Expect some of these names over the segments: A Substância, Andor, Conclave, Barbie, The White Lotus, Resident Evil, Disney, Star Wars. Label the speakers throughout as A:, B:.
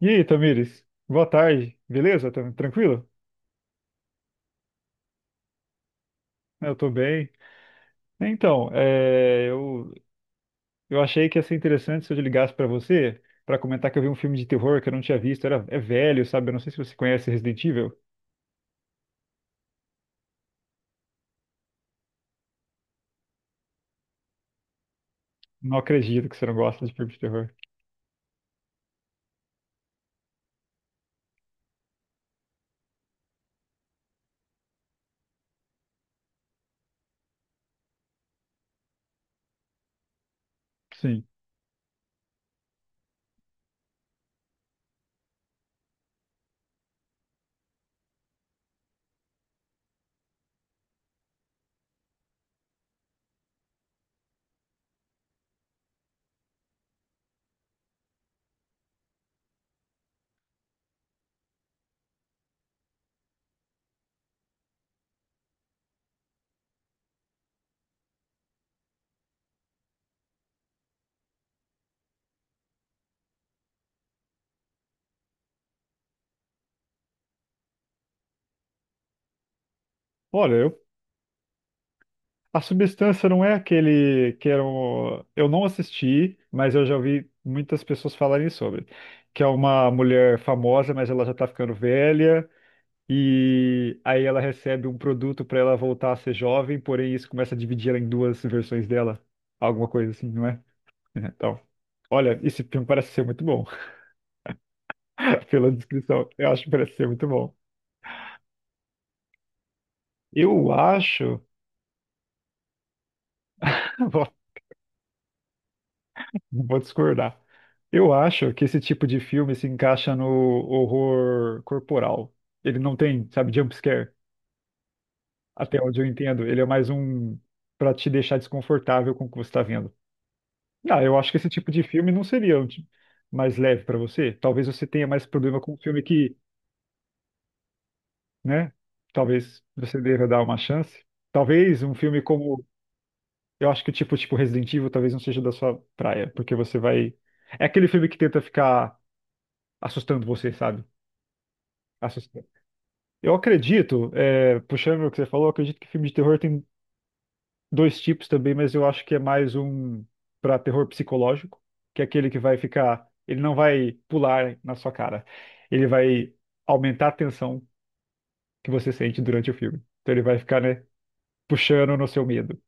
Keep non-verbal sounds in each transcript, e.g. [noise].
A: E aí, Tamires? Boa tarde. Beleza? Tá tranquilo? Eu tô bem. Então, eu achei que ia ser interessante se eu ligasse pra você pra comentar que eu vi um filme de terror que eu não tinha visto. É velho, sabe? Eu não sei se você conhece Resident Evil. Não acredito que você não gosta de filme de terror. Sim. Olha, a substância não é aquele que era um, eu não assisti, mas eu já ouvi muitas pessoas falarem sobre, que é uma mulher famosa, mas ela já tá ficando velha. E aí ela recebe um produto para ela voltar a ser jovem, porém isso começa a dividir ela em duas versões dela. Alguma coisa assim, não é? É. Então, olha, esse filme parece ser muito bom. [laughs] Pela descrição, eu acho que parece ser muito bom. Eu acho, [laughs] vou, vou discordar. Eu acho que esse tipo de filme se encaixa no horror corporal. Ele não tem, sabe, jump scare, até onde eu entendo. Ele é mais um para te deixar desconfortável com o que você está vendo. Ah, eu acho que esse tipo de filme não seria um mais leve para você. Talvez você tenha mais problema com um filme que, né? Talvez você deva dar uma chance. Talvez um filme como, eu acho que tipo Resident Evil talvez não seja da sua praia, porque você vai, é aquele filme que tenta ficar assustando você, sabe? Assustando. Eu acredito, é, puxando o que você falou, eu acredito que filme de terror tem dois tipos também, mas eu acho que é mais um para terror psicológico, que é aquele que vai ficar, ele não vai pular na sua cara. Ele vai aumentar a tensão que você sente durante o filme. Então ele vai ficar, né, puxando no seu medo.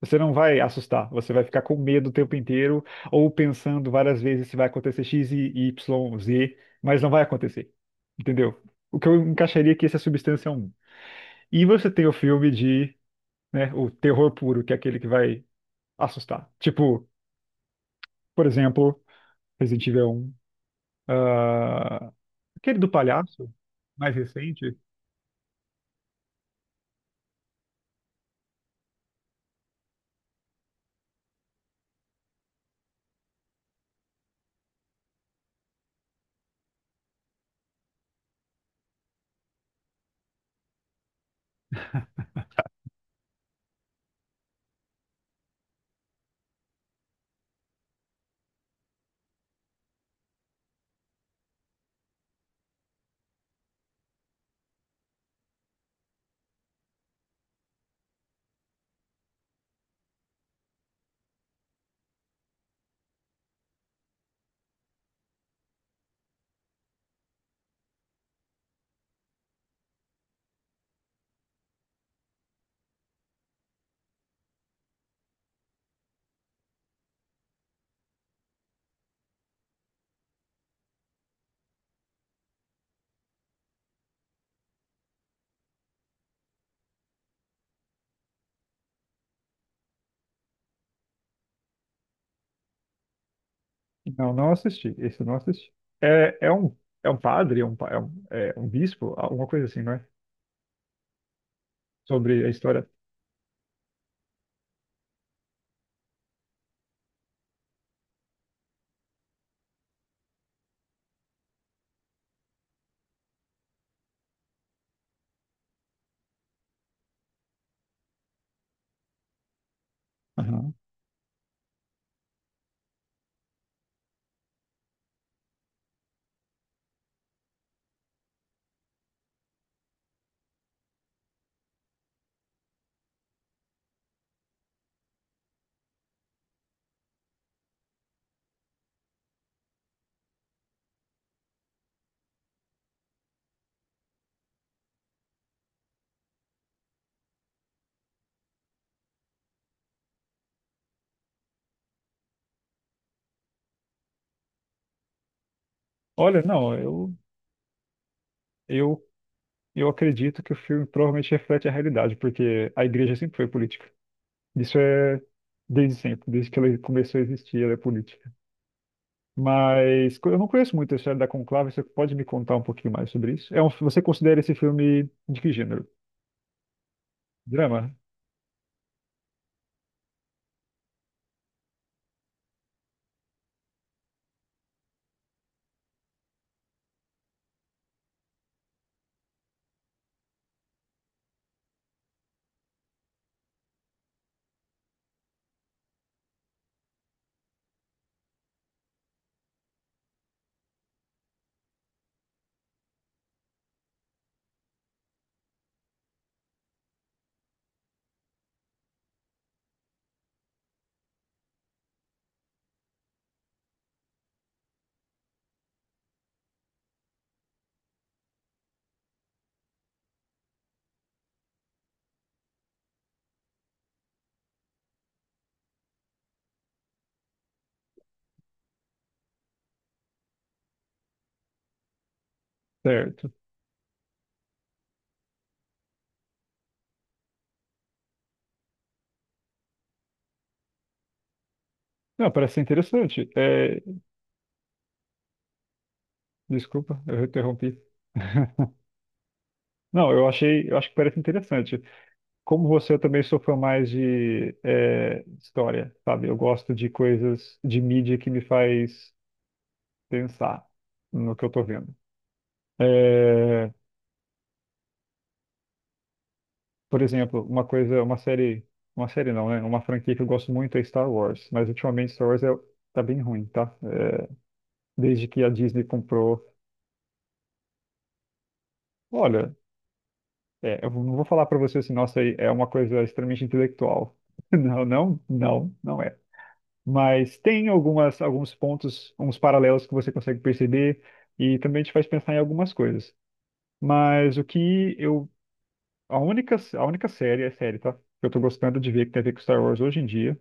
A: Você não vai assustar, você vai ficar com medo o tempo inteiro ou pensando várias vezes se vai acontecer X e Y, Z, mas não vai acontecer. Entendeu? O que eu encaixaria aqui, essa substância é um. E você tem o filme de, né, o terror puro, que é aquele que vai assustar. Tipo, por exemplo, Resident Evil um, ah, aquele do palhaço, mais recente. Não, não assisti. Esse eu não assisti. É, é um, é um padre, é um bispo, alguma coisa assim, não é? Sobre a história. Aham. Olha, não, eu, eu acredito que o filme provavelmente reflete a realidade, porque a igreja sempre foi política. Isso é desde sempre, desde que ela começou a existir, ela é política. Mas eu não conheço muito a história da Conclave. Você pode me contar um pouquinho mais sobre isso? É um, você considera esse filme de que gênero? Drama? Certo. Não, parece ser interessante. É, desculpa, eu interrompi. [laughs] Não, eu achei, eu acho que parece interessante. Como você, eu também sou fã mais de é, história, sabe? Eu gosto de coisas de mídia que me faz pensar no que eu tô vendo. É, por exemplo, uma coisa, uma série não, né? Uma franquia que eu gosto muito é Star Wars, mas ultimamente Star Wars tá bem ruim, tá? É, desde que a Disney comprou, olha, é, eu não vou falar pra você assim, nossa, é uma coisa extremamente intelectual. [laughs] Não, não é. Mas tem algumas, alguns pontos, uns paralelos que você consegue perceber e também te faz pensar em algumas coisas. Mas o que eu, a única série, é série, tá? Que eu tô gostando de ver que tem a ver com Star Wars hoje em dia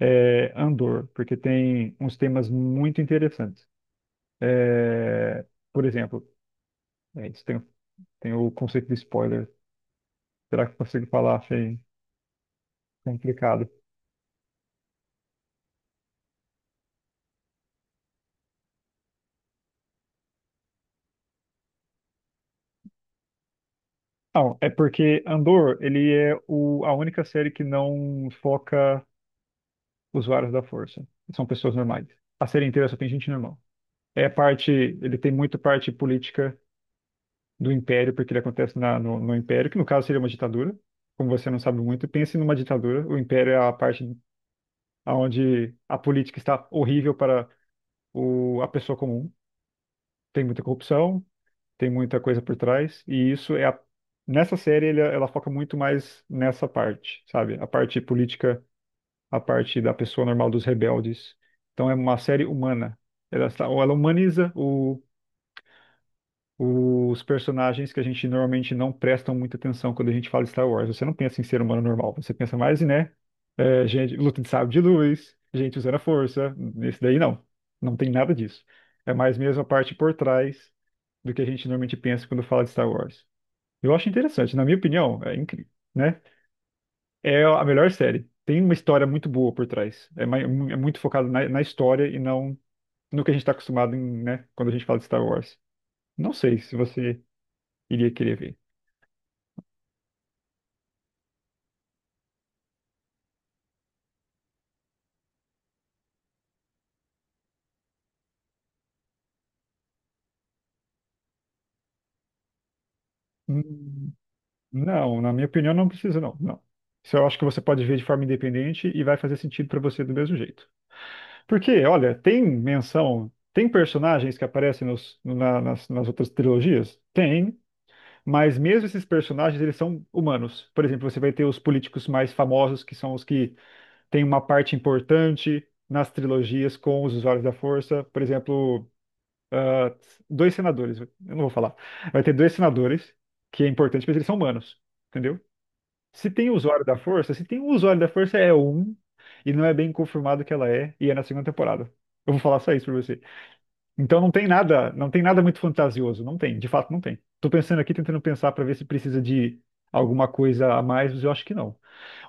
A: é, Andor, porque tem uns temas muito interessantes. É, por exemplo, é, isso tem, tem o conceito de spoiler. Será que eu consigo falar? Achei complicado. Não, é porque Andor, ele é a única série que não foca usuários da Força. São pessoas normais. A série inteira só tem gente normal. É a parte, ele tem muito parte política do Império, porque ele acontece no Império, que no caso seria uma ditadura. Como você não sabe muito, pense numa ditadura. O Império é a parte onde a política está horrível para o, a pessoa comum. Tem muita corrupção, tem muita coisa por trás, e isso é a, nessa série ela foca muito mais nessa parte, sabe? A parte política, a parte da pessoa normal, dos rebeldes. Então é uma série humana. Ela ou ela humaniza os personagens que a gente normalmente não prestam muita atenção quando a gente fala Star Wars. Você não pensa em ser humano normal, você pensa mais, em, né? É, gente, luta de sabre de luz, gente usando a força. Nesse daí não. Não tem nada disso. É mais mesmo a parte por trás do que a gente normalmente pensa quando fala de Star Wars. Eu acho interessante, na minha opinião, é incrível, né? É a melhor série. Tem uma história muito boa por trás. É muito focado na, na história e não no que a gente está acostumado em, né, quando a gente fala de Star Wars. Não sei se você iria querer ver. Hum, Não, na minha opinião, não precisa, não. Isso eu acho que você pode ver de forma independente e vai fazer sentido pra você do mesmo jeito. Porque, olha, tem menção, tem personagens que aparecem nas outras trilogias? Tem, mas mesmo esses personagens, eles são humanos. Por exemplo, você vai ter os políticos mais famosos, que são os que têm uma parte importante nas trilogias com os usuários da força. Por exemplo, ah, dois senadores, eu não vou falar. Vai ter dois senadores, que é importante, mas eles são humanos. Entendeu? Se tem usuário da força, se tem um usuário da força é um, e não é bem confirmado que ela é, e é na segunda temporada. Eu vou falar só isso pra você. Então não tem nada, não tem nada muito fantasioso, não tem, de fato não tem. Tô pensando aqui, tentando pensar pra ver se precisa de alguma coisa a mais, mas eu acho que não.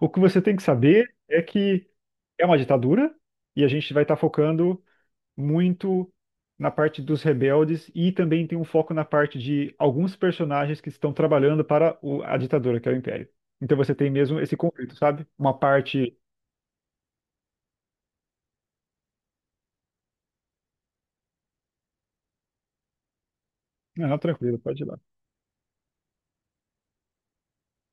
A: O que você tem que saber é que é uma ditadura e a gente vai estar focando muito na parte dos rebeldes e também tem um foco na parte de alguns personagens que estão trabalhando para a ditadura, que é o Império. Então você tem mesmo esse conflito, sabe? Uma parte. Não, não, tranquilo, pode ir lá.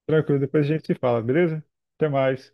A: Tranquilo, depois a gente se fala, beleza? Até mais.